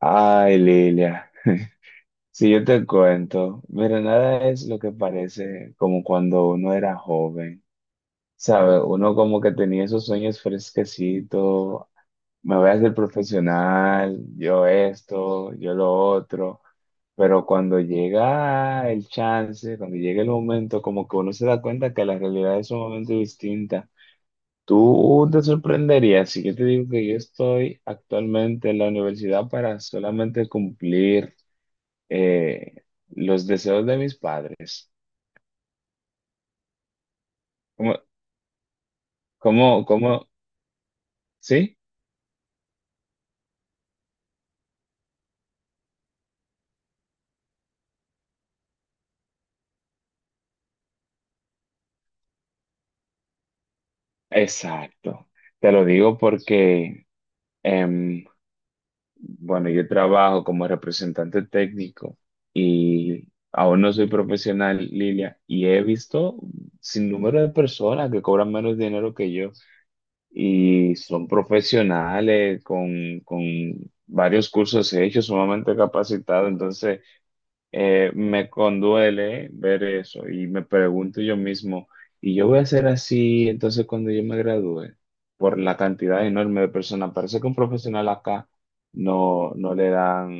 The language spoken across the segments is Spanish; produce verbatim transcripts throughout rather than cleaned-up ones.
Ay, Lilia, si yo te cuento, mira, nada es lo que parece como cuando uno era joven, ¿sabes? Uno como que tenía esos sueños fresquecitos, me voy a hacer profesional, yo esto, yo lo otro, pero cuando llega el chance, cuando llega el momento, como que uno se da cuenta que la realidad es sumamente distinta. Tú te sorprenderías si yo te digo que yo estoy actualmente en la universidad para solamente cumplir eh, los deseos de mis padres. ¿Cómo, cómo, cómo? ¿Sí? Exacto. Te lo digo porque, em, bueno, yo trabajo como representante técnico y aún no soy profesional, Lilia, y he visto sin número de personas que cobran menos dinero que yo y son profesionales con, con varios cursos hechos, sumamente capacitados, entonces... eh, me conduele ver eso y me pregunto yo mismo, ¿y yo voy a ser así entonces cuando yo me gradúe? Por la cantidad enorme de personas. Parece que un profesional acá no, no le dan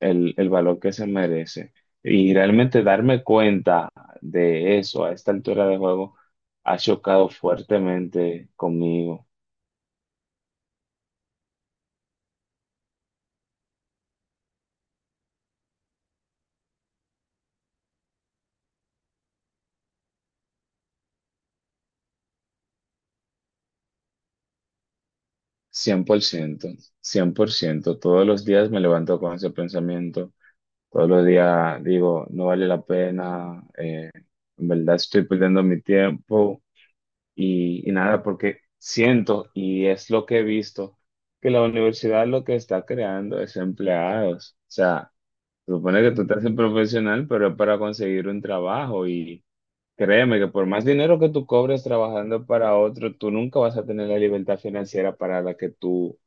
el, el valor que se merece. Y realmente darme cuenta de eso a esta altura de juego ha chocado fuertemente conmigo. cien cien por ciento, cien por ciento. Todos los días me levanto con ese pensamiento. Todos los días digo, no vale la pena, eh, en verdad estoy perdiendo mi tiempo y, y nada, porque siento, y es lo que he visto, que la universidad lo que está creando es empleados. O sea, se supone que tú estás en profesional, pero es para conseguir un trabajo, y créeme que por más dinero que tú cobres trabajando para otro, tú nunca vas a tener la libertad financiera para la que tú,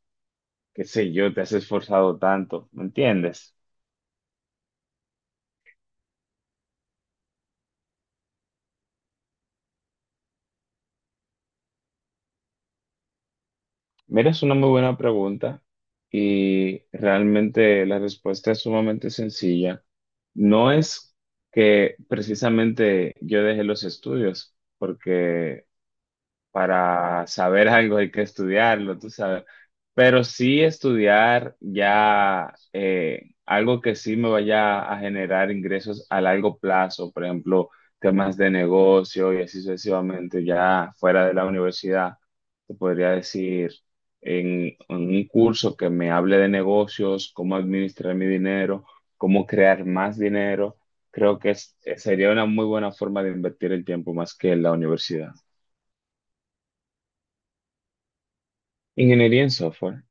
qué sé yo, te has esforzado tanto, ¿me entiendes? Mira, es una muy buena pregunta y realmente la respuesta es sumamente sencilla. No es que precisamente yo dejé los estudios, porque para saber algo hay que estudiarlo, tú sabes. Pero sí estudiar ya eh, algo que sí me vaya a generar ingresos a largo plazo, por ejemplo, temas de negocio y así sucesivamente, ya fuera de la universidad, te podría decir en, en un curso que me hable de negocios, cómo administrar mi dinero, cómo crear más dinero. Creo que es- sería una muy buena forma de invertir el tiempo más que en la universidad. Ingeniería en software.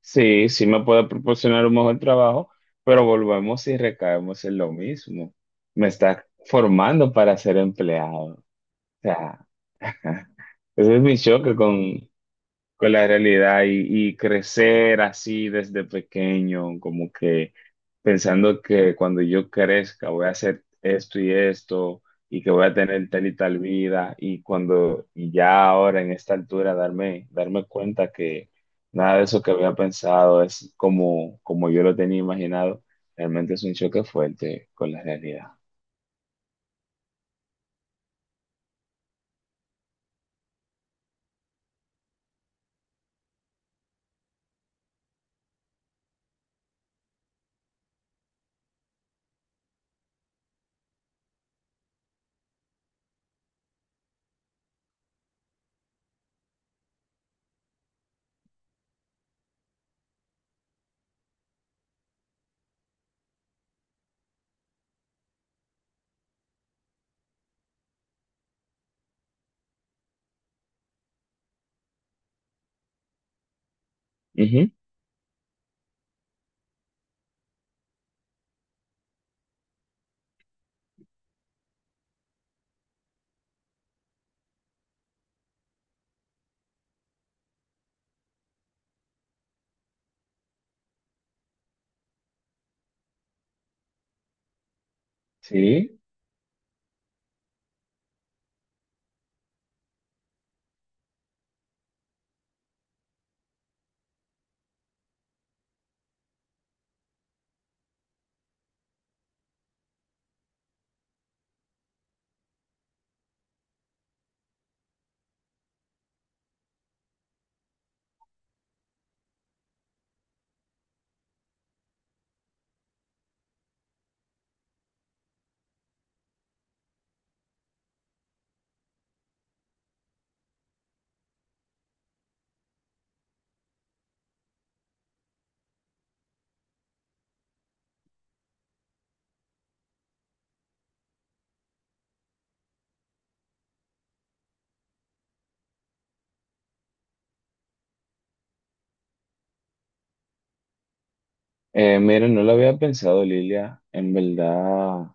Sí, sí me puede proporcionar un mejor trabajo, pero volvemos y recaemos en lo mismo. Me está formando para ser empleado. O sea, ese es mi choque con con la realidad. Y, y crecer así desde pequeño, como que pensando que cuando yo crezca voy a hacer esto y esto y que voy a tener tal y tal vida y cuando y ya ahora en esta altura darme, darme cuenta que nada de eso que había pensado es como, como yo lo tenía imaginado, realmente es un choque fuerte con la realidad. Ujú. Sí, eh, miren, no lo había pensado, Lilia, en verdad.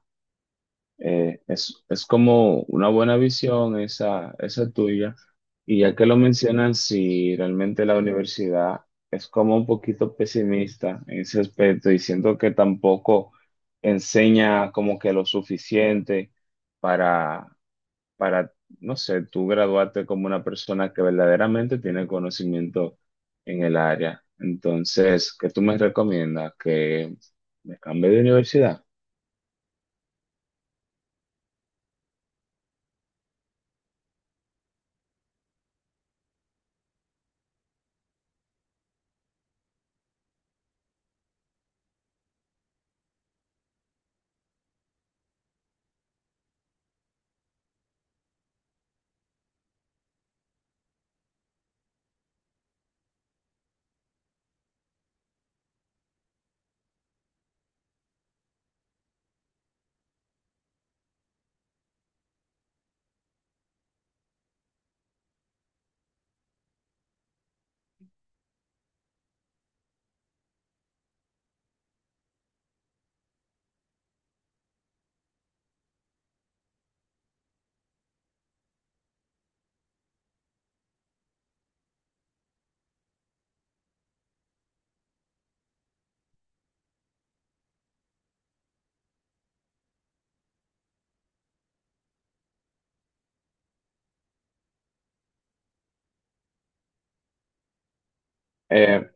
Eh, es, es como una buena visión esa, esa tuya. Y ya que lo mencionan, si realmente la universidad es como un poquito pesimista en ese aspecto y siento que tampoco enseña como que lo suficiente para, para, no sé, tú graduarte como una persona que verdaderamente tiene conocimiento en el área. Entonces, ¿qué tú me recomiendas? ¿Que me cambie de universidad? Eh,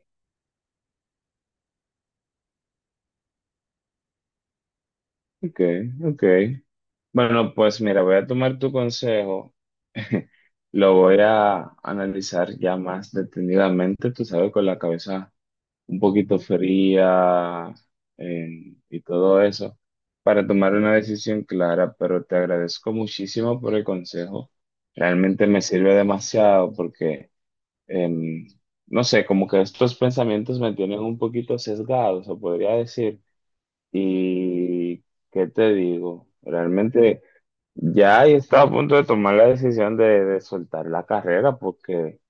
ok, ok. Bueno, pues mira, voy a tomar tu consejo, lo voy a analizar ya más detenidamente, tú sabes, con la cabeza un poquito fría eh, y todo eso, para tomar una decisión clara, pero te agradezco muchísimo por el consejo, realmente me sirve demasiado porque, em, no sé, como que estos pensamientos me tienen un poquito sesgados, o podría decir, y ¿qué te digo? Realmente... Ya y estaba a punto de tomar la decisión de, de soltar la carrera porque...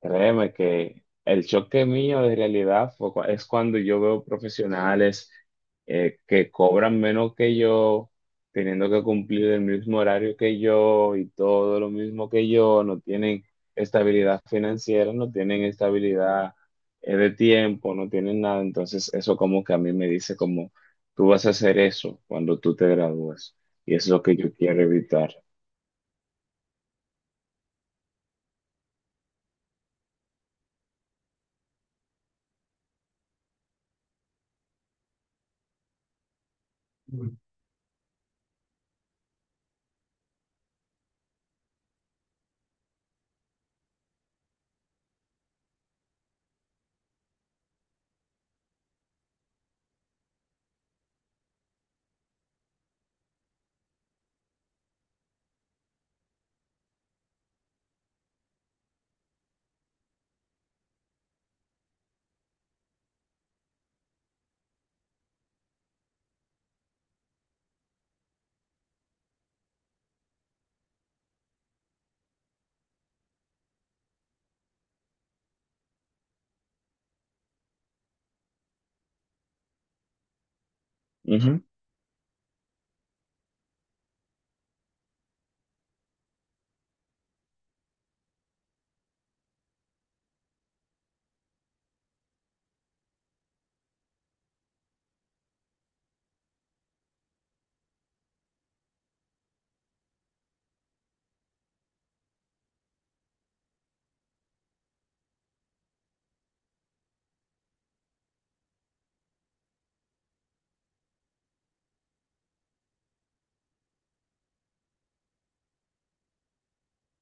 Créeme que el choque mío de realidad fue cua- es cuando yo veo profesionales eh, que cobran menos que yo, teniendo que cumplir el mismo horario que yo y todo lo mismo que yo, no tienen estabilidad financiera, no tienen estabilidad eh, de tiempo, no tienen nada. Entonces eso como que a mí me dice como, tú vas a hacer eso cuando tú te gradúes y es lo que yo quiero evitar.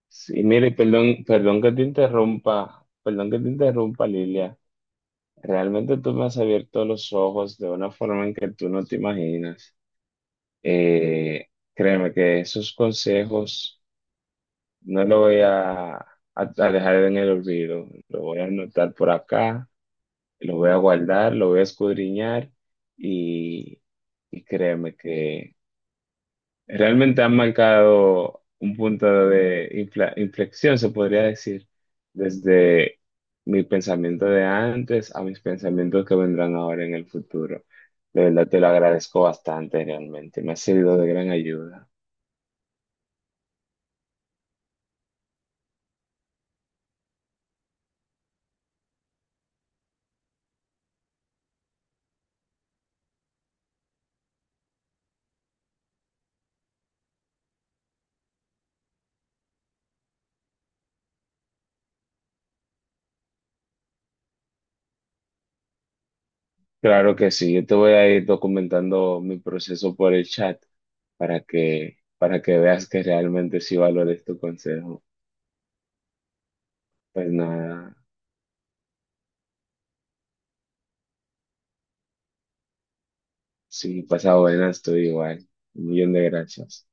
Sí, mire, perdón, perdón que te interrumpa, perdón que te interrumpa, Lilia. Realmente tú me has abierto los ojos de una forma en que tú no te imaginas. Eh, créeme que esos consejos no los voy a, a- a dejar en el olvido. Lo voy a anotar por acá, lo voy a guardar, lo voy a escudriñar y, y créeme que realmente han marcado un punto de infla- inflexión, se podría decir, desde mi pensamiento de antes a mis pensamientos que vendrán ahora en el futuro. De verdad te lo agradezco bastante, realmente. Me ha servido de gran ayuda. Claro que sí, yo te voy a ir documentando mi proceso por el chat para que, para que veas que realmente sí valores tu consejo. Pues nada, sí, pasa buena, estoy igual. Un millón de gracias.